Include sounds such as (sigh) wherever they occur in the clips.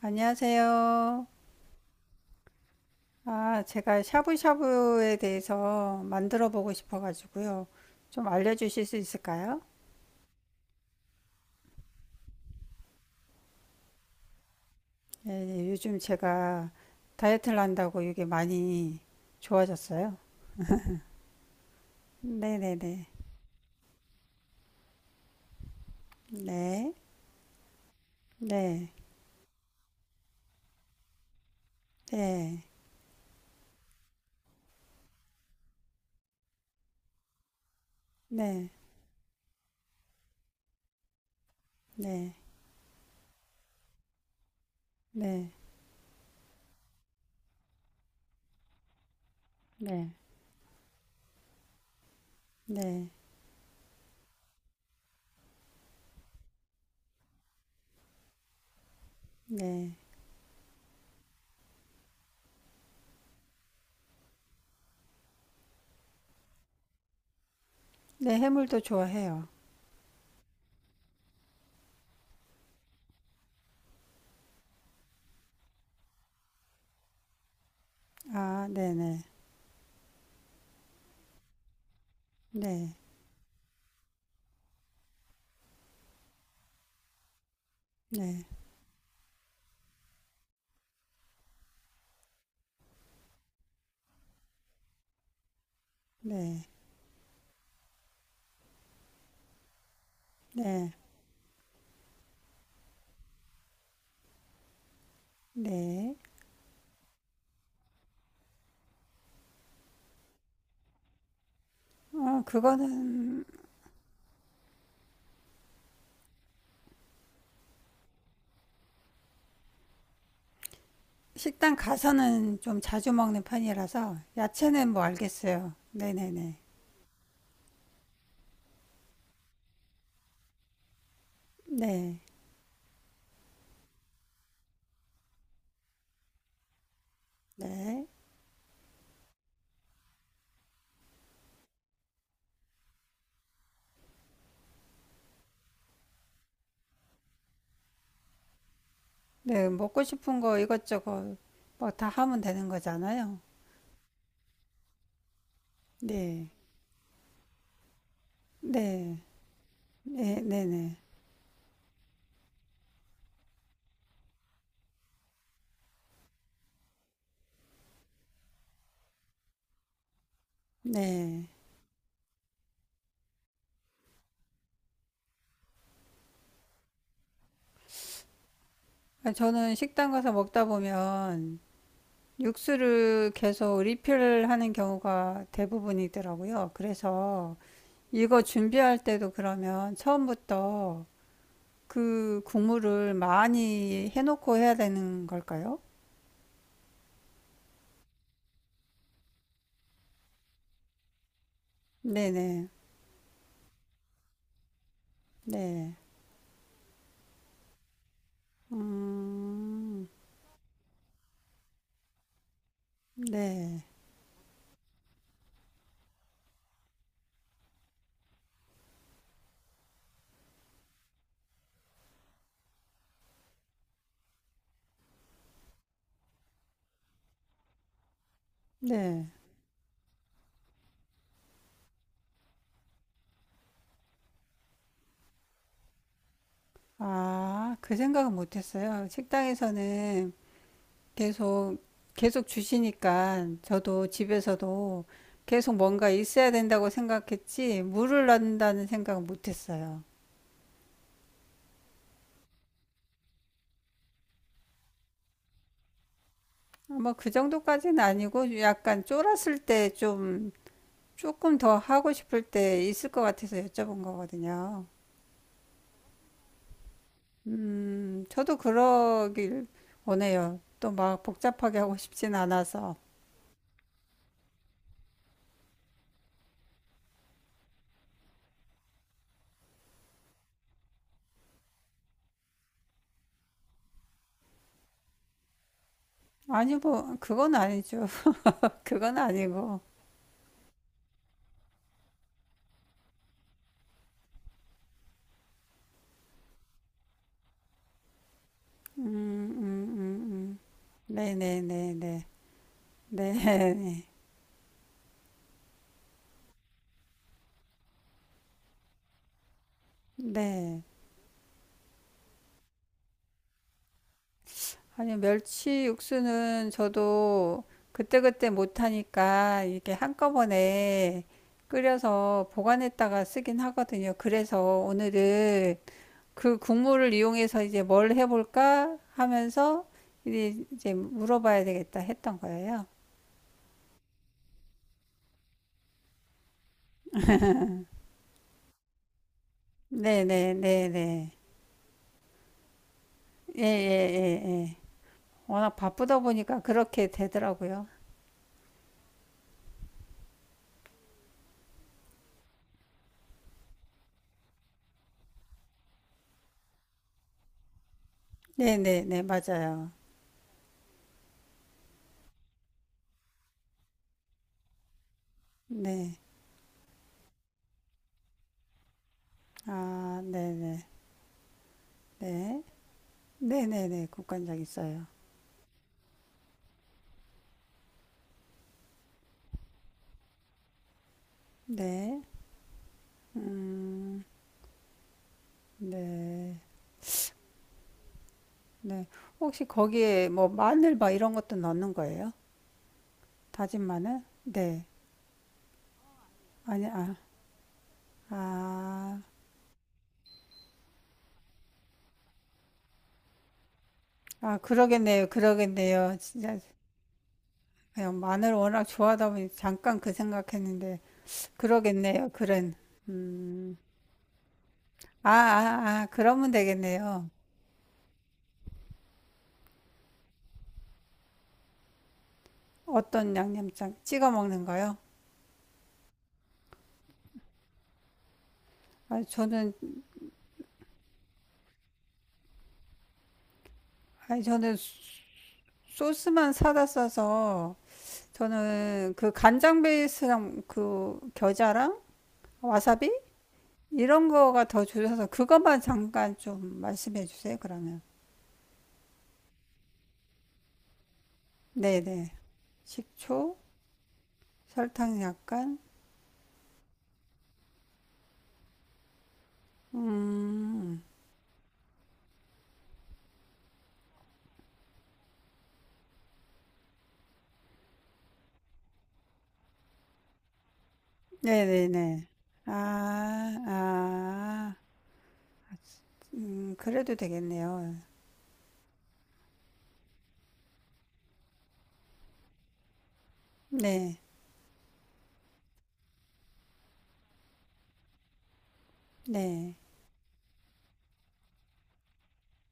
안녕하세요. 아, 제가 샤브샤브에 대해서 만들어 보고 싶어가지고요. 좀 알려주실 수 있을까요? 예, 예, 요즘 제가 다이어트를 한다고 이게 많이 좋아졌어요. 네네네. 네. 네. 네. 네. 네. 네. 네. 네. 네. 네. 해물도 좋아해요. 아, 네네. 네. 네. 네. 네. 네. 네. 어, 그거는 식당 가서는 좀 자주 먹는 편이라서 야채는 뭐 알겠어요. 네네네. 네. 네. 네. 먹고 싶은 거 이것저것 뭐 다 하면 되는 거잖아요. 네. 네. 네. 네네. 네. 아, 저는 식당 가서 먹다 보면 육수를 계속 리필하는 경우가 대부분이더라고요. 그래서 이거 준비할 때도 그러면 처음부터 그 국물을 많이 해놓고 해야 되는 걸까요? 네네. 네. 네. 음, 네. 네. 아, 그 생각은 못 했어요. 식당에서는 계속, 계속 주시니까 저도 집에서도 계속 뭔가 있어야 된다고 생각했지, 물을 넣는다는 생각은 못 했어요. 뭐 그 정도까지는 아니고 약간 쫄았을 때 좀, 조금 더 하고 싶을 때 있을 것 같아서 여쭤본 거거든요. 저도 그러길 원해요. 또 막 복잡하게 하고 싶진 않아서. 아니, 뭐, 그건 아니죠. (laughs) 그건 아니고. 음, 음, 음, 음. 네네네네. 네. (laughs) 네. 네, 네. 네. 아니, 멸치 육수는 저도 그때그때 못하니까 이게 한꺼번에 끓여서 보관했다가 쓰긴 하거든요. 그래서 오늘은 그 국물을 이용해서 이제 뭘 해볼까 하면서 이제 물어봐야 되겠다 했던 거예요. 네네, 네네. 예, 예, 예, 예. 워낙 바쁘다 보니까 그렇게 되더라고요. 네네네, 맞아요. 네. 아, 네네, 네. 네네네, 국간장 있어요. 네. 음, 네. 네. 혹시 거기에 뭐 마늘 막 이런 것도 넣는 거예요? 다진 마늘? 네. 아니, 아, 아. 아, 그러겠네요. 그러겠네요. 진짜 그냥 마늘 워낙 좋아하다 보니 잠깐 그 생각했는데 그러겠네요. 그런 음. 아, 아, 아, 그러면 되겠네요. 어떤 양념장 찍어 먹는가요? 아, 저는 아니 저는 소스만 사다 써서 저는 그 간장 베이스랑 그 겨자랑 와사비 이런 거가 더 줄여서 그것만 잠깐 좀 말씀해 주세요. 그러면. 네, 네. 식초, 설탕 약간. 음, 네네네. 아, 아, 그래도 되겠네요. 네, 네.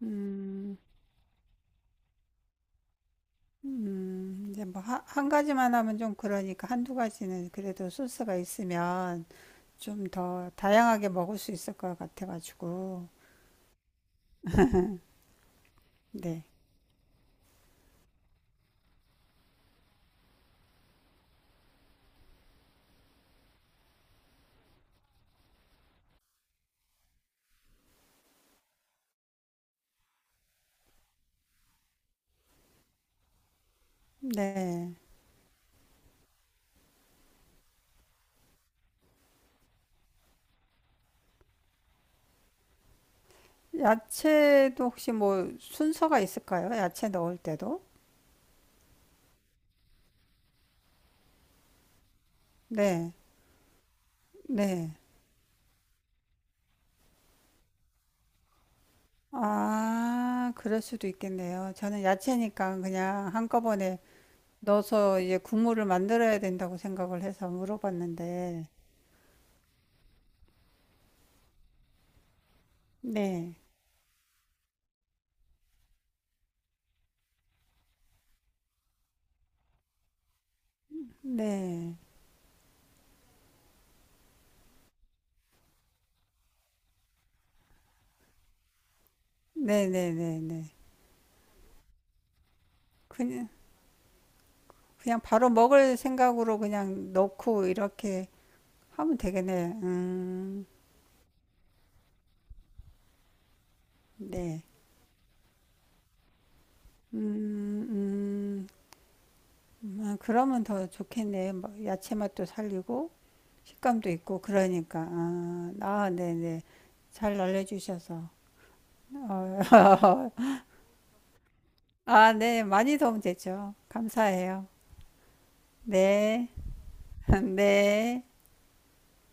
음, 이제 뭐, 한 가지만 하면 좀 그러니까 한두 가지는 그래도 소스가 있으면 좀 더 다양하게 먹을 수 있을 것 같아가지고. 네, 네. 야채도 혹시 뭐 순서가 있을까요? 야채 넣을 때도? 네, 네. 아, 그럴 수도 있겠네요. 저는 야채니까 그냥 한꺼번에 넣어서 이제 국물을 만들어야 된다고 생각을 해서 물어봤는데. 네, 네, 네, 네, 네, 네. 그냥, 그냥 바로 먹을 생각으로 그냥 넣고 이렇게 하면 되겠네. 네. 음, 아, 그러면 더 좋겠네. 뭐 야채 맛도 살리고, 식감도 있고, 그러니까. 아, 아, 네, 네. 잘 알려주셔서. 어, (laughs) 아, 네, 많이 도움되죠. 감사해요. 네, (laughs) 네.